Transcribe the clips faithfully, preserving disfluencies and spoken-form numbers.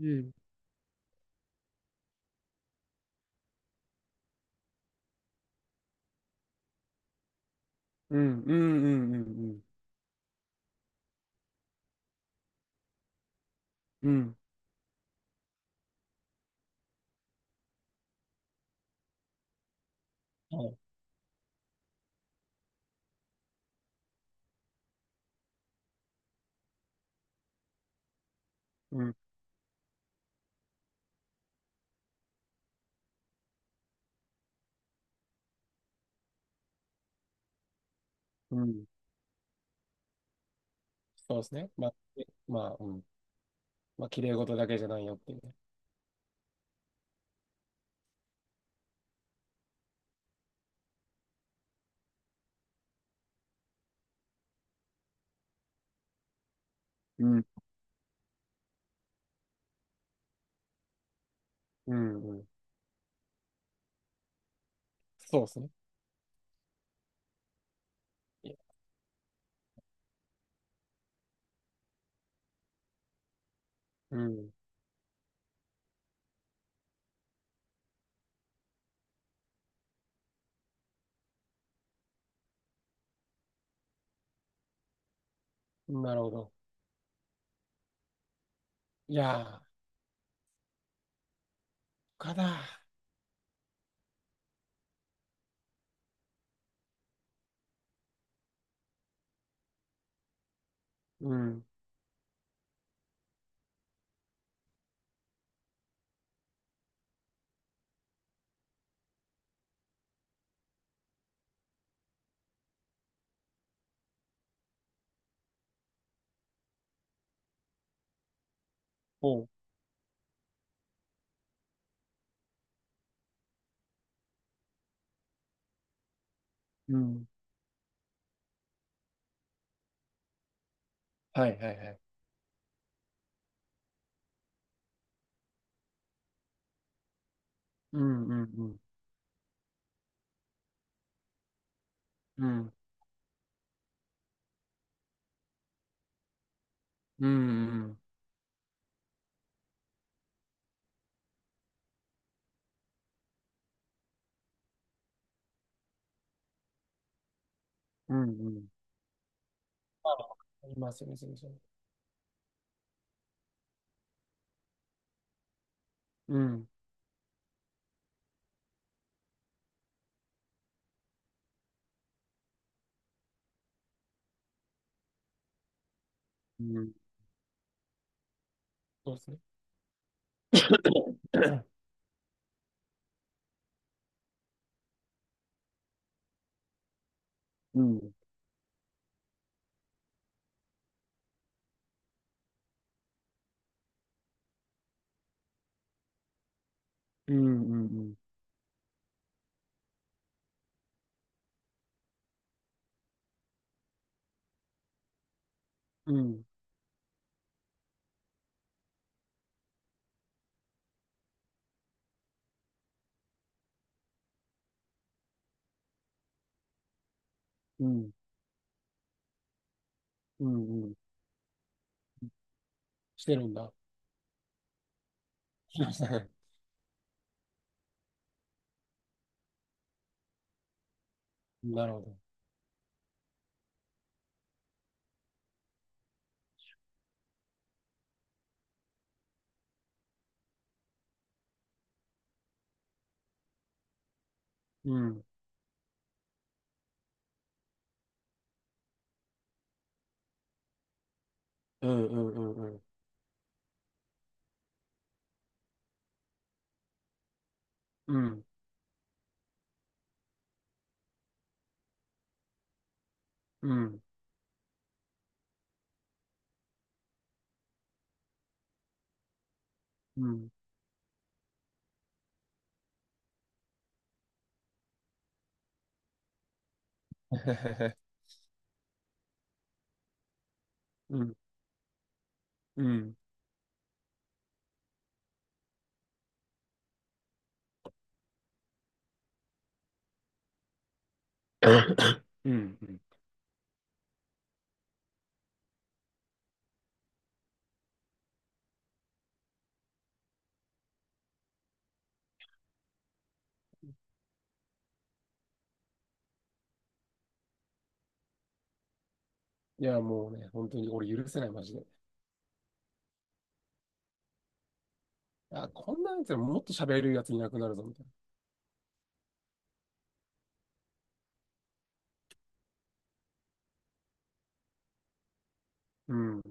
うんうんうん、うんうんうん、はい、うんうん。そうですね。まあ、えまあ、うん、まあ、綺麗事だけじゃないよっていうね。うんうんうん。そうですね。いや、うん。なるほど。いや、かだうん。おう。うん。はいはいはい。うんうんうん、うんうんうん、うんうん。あ、ありますよね、そうそう。うんうん。そうですね。うんうんうん、うんうんうん、うんうん。してるんだ。なるほど。うん。うんうんうんうん。うん。うん。うん。うん。うん。うんうん。いや、もうね、本当に俺許せない、マジで。あ、こんなやつらもっと喋れるやついなくなるぞ、みたいな。うん。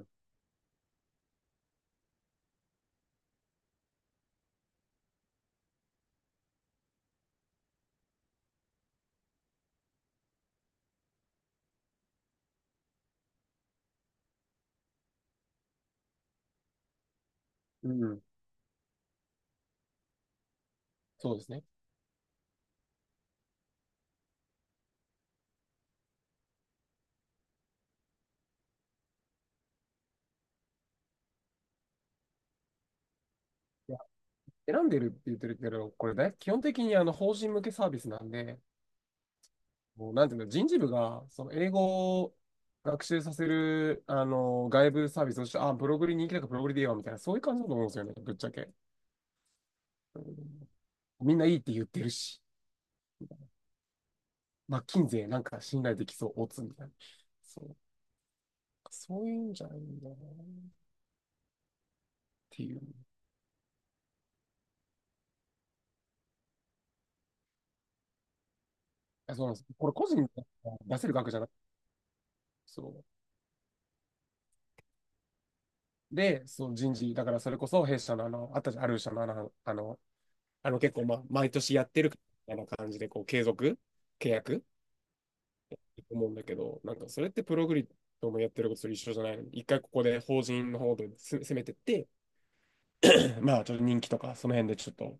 うん。そうですね。いや、選んでるって言ってるけど、これだ基本的にあの法人向けサービスなんで、もうなんていうの、人事部がその英語を学習させるあの外部サービスとして、あ、ブログに人気だからブログでいいわみたいな、そういう感じだと思うんですよね、ぶっちゃけ。みんないいって言ってるし、まッキなんか信頼できそう、オツみたいな。そう、そういうんじゃないんだなっていう。あ、そうなんです。これ個人で出せる額じゃなくて、そう。で、そう人事、だからそれこそ弊社のあの、あったじゃん、ある社のあの、あの、あの結構、まあ、毎年やってるみたいな感じで、こう、継続契約思うんだけど、なんかそれってプログリッドもやってることと一緒じゃないのに、一回ここで法人の方で攻めてって、まあちょっと人気とか、その辺でちょっと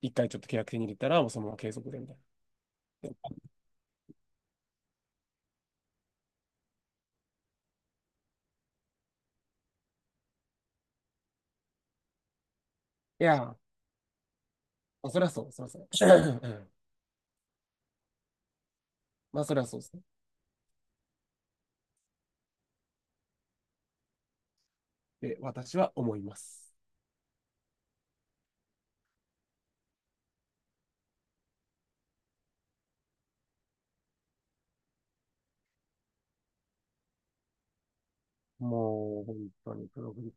一回ちょっと契約手に入れたら、もうそのまま継続でみたいな。いやー、まあ、そりゃそう、そりゃそう。うん。まあ、そりゃそうですね。で、私は思います。もう、本当に、プログリッ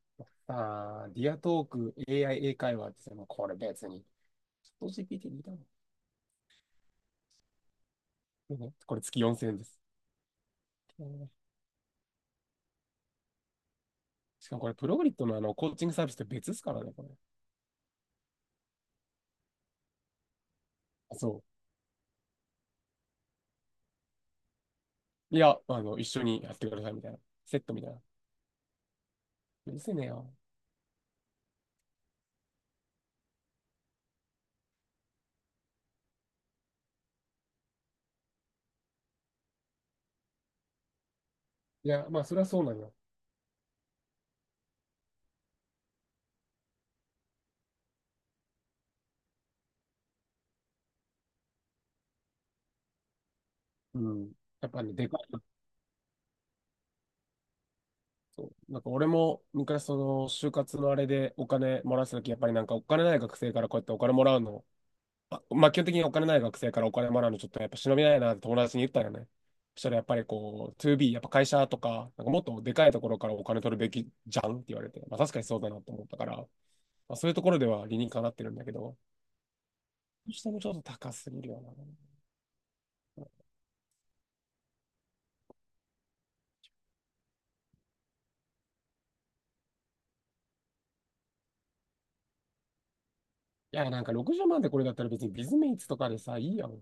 ター、ディアトーク、エーアイ 英会話ですね。もうこれ別に、ジーピーティー にいたの。ねこれ月よんせんえんです。しかもこれ、プログリッドのあのコーチングサービスと別ですからね、これ。そう。いや、あの、一緒にやってくださいみたいな。セットみたいな。うるせえねよ。いや、まあ、それはそうなんよ。うん。やっぱね、でかい、そう、なんか俺も昔その就活のあれでお金もらってた時、やっぱりなんかお金ない学生からこうやってお金もらうの、あ、まあ基本的にお金ない学生からお金もらうのちょっとやっぱ忍びないなって友達に言ったよね。そしたらやっぱりこう トゥービー、やっぱ会社とか、なんかもっとでかいところからお金取るべきじゃんって言われて、まあ確かにそうだなと思ったから、まあ、そういうところでは理にかなってるんだけど、そしてもちょっと高すぎるよな。いや、なんかろくじゅうまんでこれだったら別にビズメイツとかでさ、いいやん。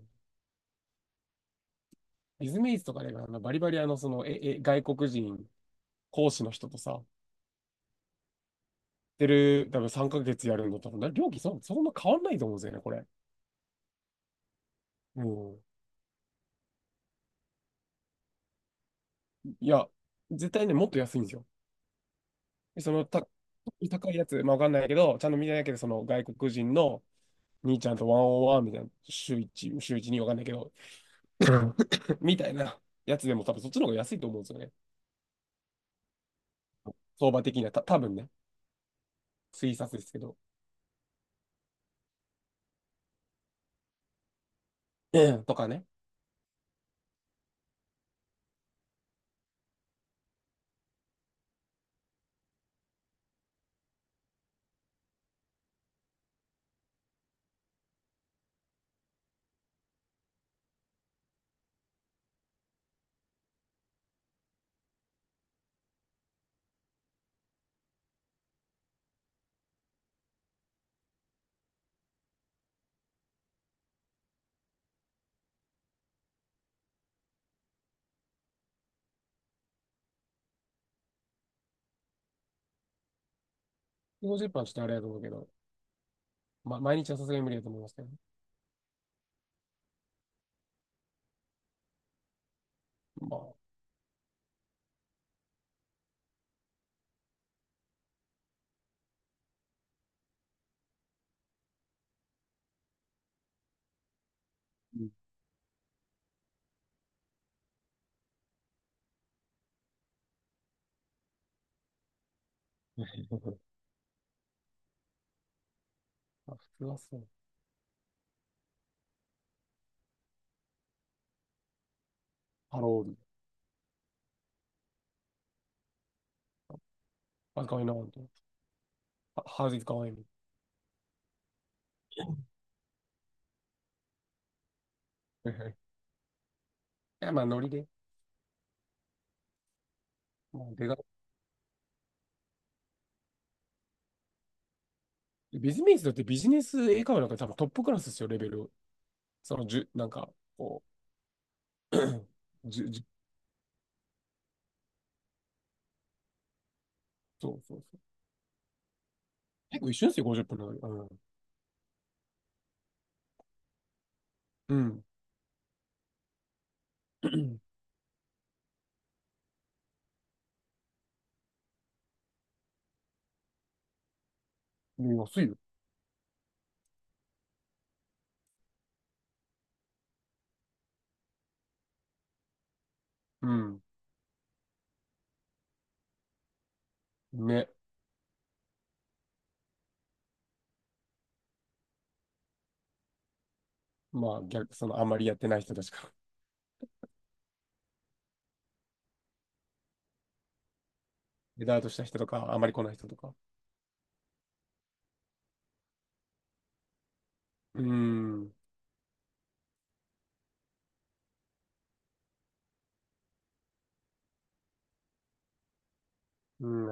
ビズメイツとかであのバリバリあのそのええ外国人講師の人とさ、てる、多分さんかげつやるのと、多分料金そん、そんな変わんないと思うんですよね、これ。うん。いや、絶対ね、もっと安いんですよ。でその、た、高いやつ、まあ、わかんないけど、ちゃんと見てないけど、その外国人の兄ちゃんとワンオンワンみたいな、週一、週一にわかんないけど、みたいなやつでも多分そっちの方が安いと思うんですよね。相場的には、た、多分ね、推察ですけど。えとかね。ごじゅっぷんはちょっとあれだと思うけど、まあ、毎日はさすがに無理だと思いますけどね。まあ、うん。 まあ普通はそう。ハロール、若いな、本当。 How's it going? はいはいい や、まあ、ノリで。まあ、でかいビジネスだってビジネス英会話なんか多分トップクラスですよ、レベル。その、じゅ、なんか、こう、じゅ、じゅ、そうそうそう。結構一緒ですよ、ごじゅっぷんの。うん。うん。安いよ。うん。ね。まあ、逆、その、あんまりやってない人たちから。エダートした人とか、あんまり来ない人とか。うん。うん。